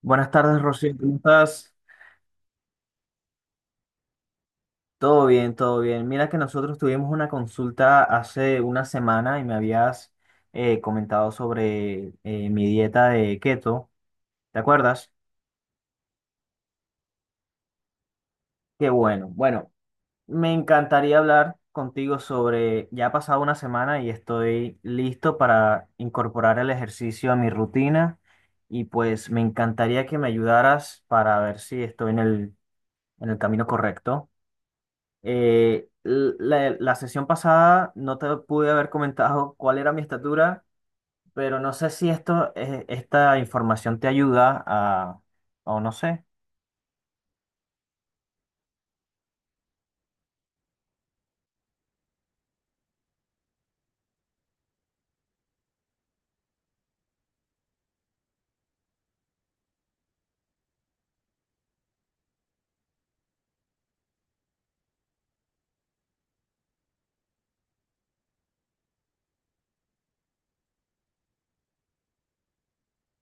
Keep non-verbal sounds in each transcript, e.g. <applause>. Buenas tardes, Rocío, ¿cómo estás? Todo bien, todo bien. Mira que nosotros tuvimos una consulta hace una semana y me habías comentado sobre mi dieta de keto, ¿te acuerdas? Qué bueno. Bueno, me encantaría hablar contigo sobre, ya ha pasado una semana y estoy listo para incorporar el ejercicio a mi rutina y pues me encantaría que me ayudaras para ver si estoy en el camino correcto. Eh, la sesión pasada no te pude haber comentado cuál era mi estatura, pero no sé si esto, esta información te ayuda a, o no sé.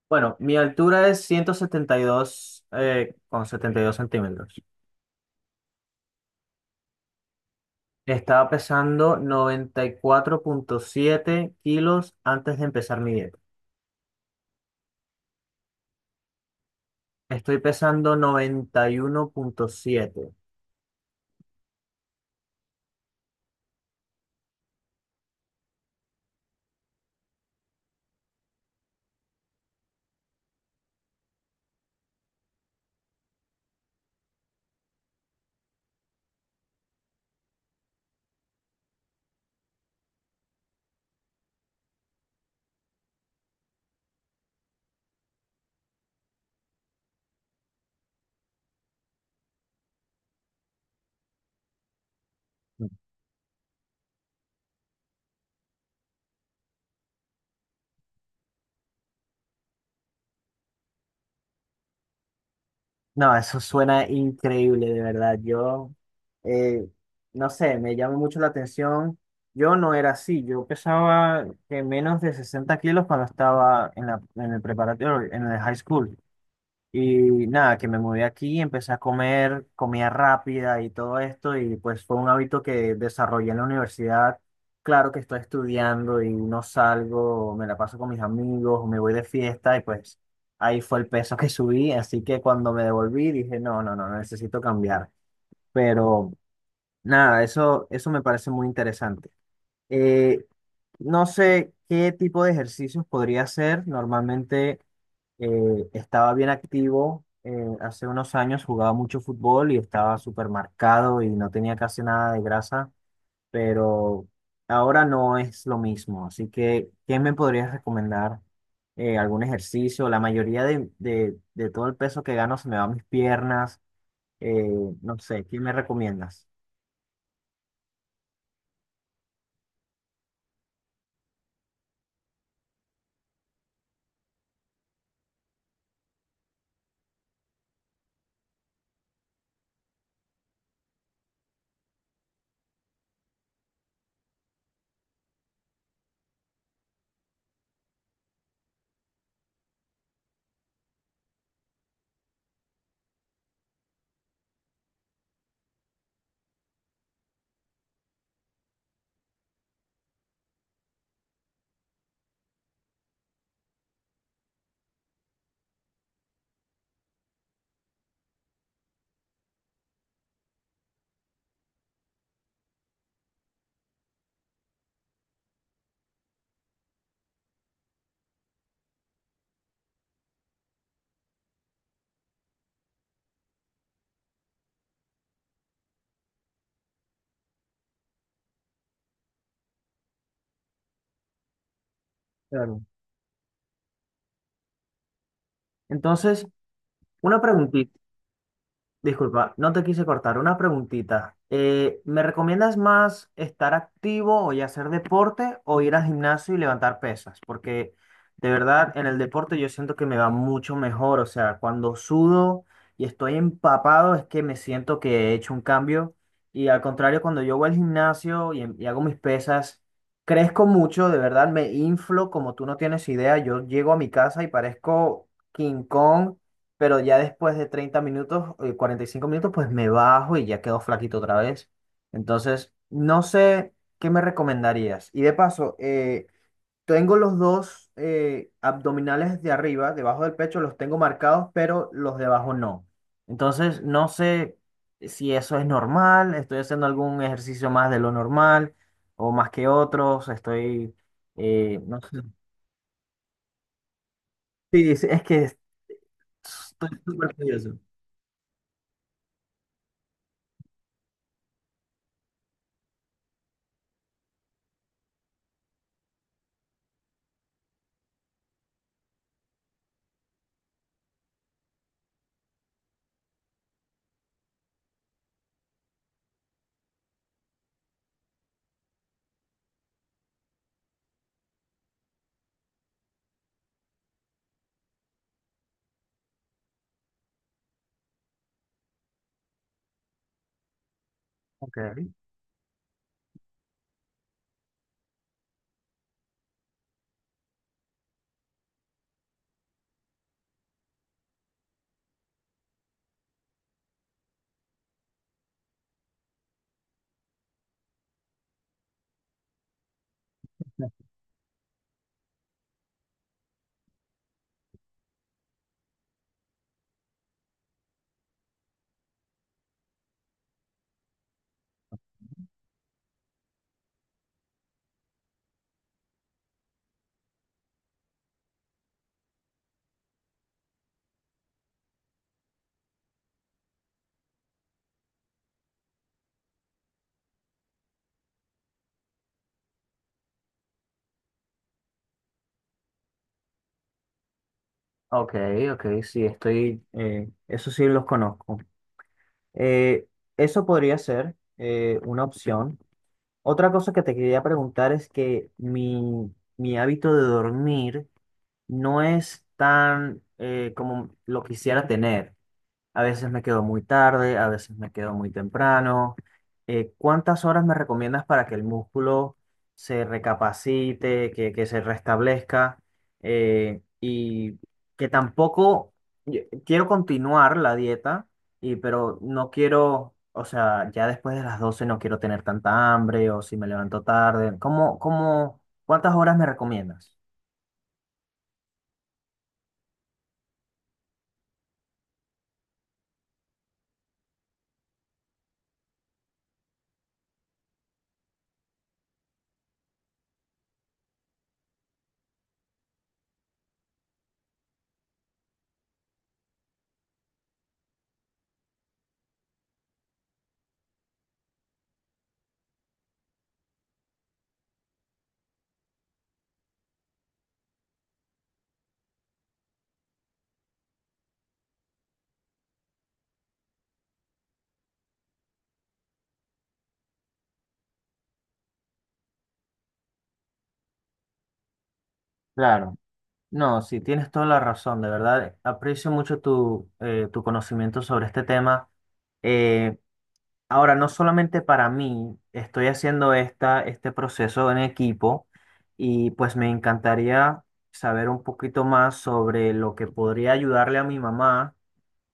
Bueno, mi altura es 172, con 72 centímetros. Estaba pesando 94,7 kilos antes de empezar mi dieta. Estoy pesando 91,7. No, eso suena increíble, de verdad. Yo, eh, no sé, me llama mucho la atención. Yo no era así. Yo pesaba menos de 60 kilos cuando estaba en la, en el preparatorio, en el high school. Y nada, que me mudé aquí, empecé a comer comida rápida y todo esto, y pues fue un hábito que desarrollé en la universidad. Claro que estoy estudiando y no salgo, me la paso con mis amigos, o me voy de fiesta y pues ahí fue el peso que subí, así que cuando me devolví dije, no, no, no, necesito cambiar. Pero nada, eso me parece muy interesante. Eh, no sé qué tipo de ejercicios podría hacer normalmente. Estaba bien activo. Hace unos años jugaba mucho fútbol y estaba súper marcado y no tenía casi nada de grasa, pero ahora no es lo mismo. Así que, ¿quién me podrías recomendar? ¿Algún ejercicio? La mayoría de todo el peso que gano se me va a mis piernas. eh, no sé, ¿quién me recomiendas? Claro. Entonces, una preguntita. Disculpa, no te quise cortar. Una preguntita. ¿Me recomiendas más estar activo y hacer deporte o ir al gimnasio y levantar pesas? Porque de verdad en el deporte yo siento que me va mucho mejor. O sea, cuando sudo y estoy empapado es que me siento que he hecho un cambio. Y al contrario, cuando yo voy al gimnasio y hago mis pesas, crezco mucho, de verdad me inflo como tú no tienes idea. Yo llego a mi casa y parezco King Kong, pero ya después de 30 minutos, 45 minutos, pues me bajo y ya quedo flaquito otra vez. Entonces, no sé qué me recomendarías. Y de paso, tengo los dos abdominales de arriba, debajo del pecho, los tengo marcados, pero los de abajo no. Entonces, no sé si eso es normal, estoy haciendo algún ejercicio más de lo normal o más que otros, estoy, no sé. Sí, sí, es que estoy súper curioso. Ok. Ok, ok, sí, estoy, eso sí los conozco. Eh, Eso podría ser una opción. Otra cosa que te quería preguntar es que mi hábito de dormir no es tan, como lo quisiera tener. A veces me quedo muy tarde, a veces me quedo muy temprano. ¿Cuántas horas me recomiendas para que el músculo se recapacite, que se restablezca? Y que tampoco quiero continuar la dieta, y, pero no quiero, o sea, ya después de las 12 no quiero tener tanta hambre o si me levanto tarde. ¿ cuántas horas me recomiendas? Claro. No, sí, tienes toda la razón, de verdad. Aprecio mucho tu conocimiento sobre este tema. Eh, Ahora, no solamente para mí, estoy haciendo esta, este proceso en equipo y pues me encantaría saber un poquito más sobre lo que podría ayudarle a mi mamá.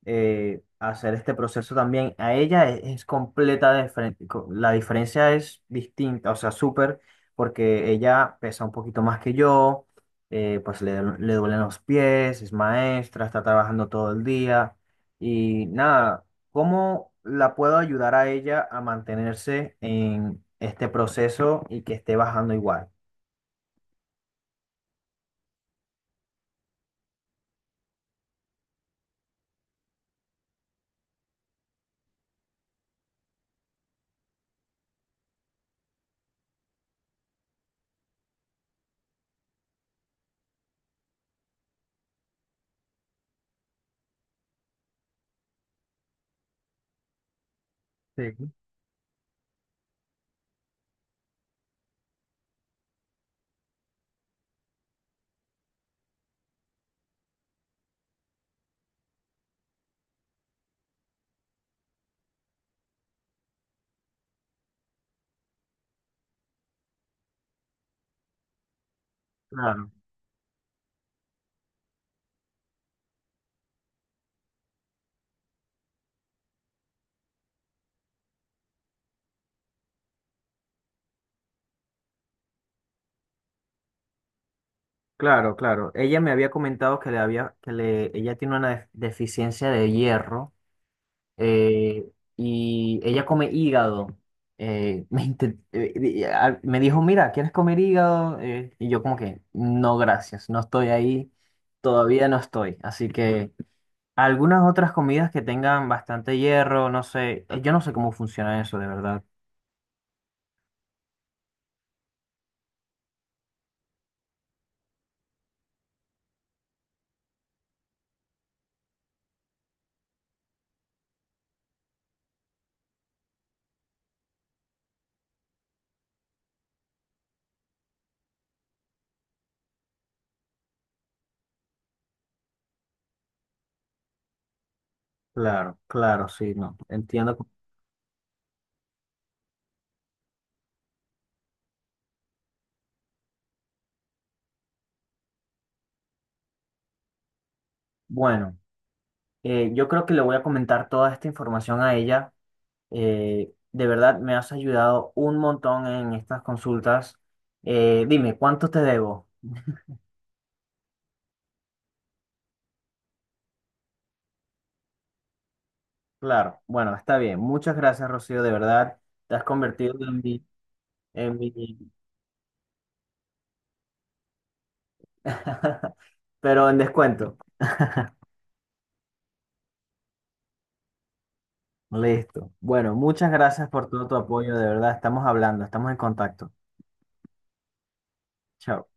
Hacer este proceso también a ella es completa La diferencia es distinta, o sea, súper, porque ella pesa un poquito más que yo, pues le duelen los pies, es maestra, está trabajando todo el día y nada, ¿cómo la puedo ayudar a ella a mantenerse en este proceso y que esté bajando igual? Sí. Claro, claro, claro. Ella me había comentado que le había, ella tiene una deficiencia de hierro. eh, y ella come hígado. <laughs> Me, inte- di- a- me dijo, mira, ¿quieres comer hígado? Y yo como que, no, gracias, no estoy ahí, todavía no estoy. Así que algunas otras comidas que tengan bastante hierro, no sé, yo no sé cómo funciona eso, de verdad. Claro, claro, sí, no, entiendo. Bueno, yo creo que le voy a comentar toda esta información a ella. De verdad, me has ayudado un montón en estas consultas. Dime, ¿cuánto te debo? Claro, bueno, está bien. Muchas gracias, Rocío, de verdad. Te has convertido en mi, <laughs> pero en descuento. <laughs> Listo. Bueno, muchas gracias por todo tu apoyo, de verdad. Estamos hablando, estamos en contacto. Chao.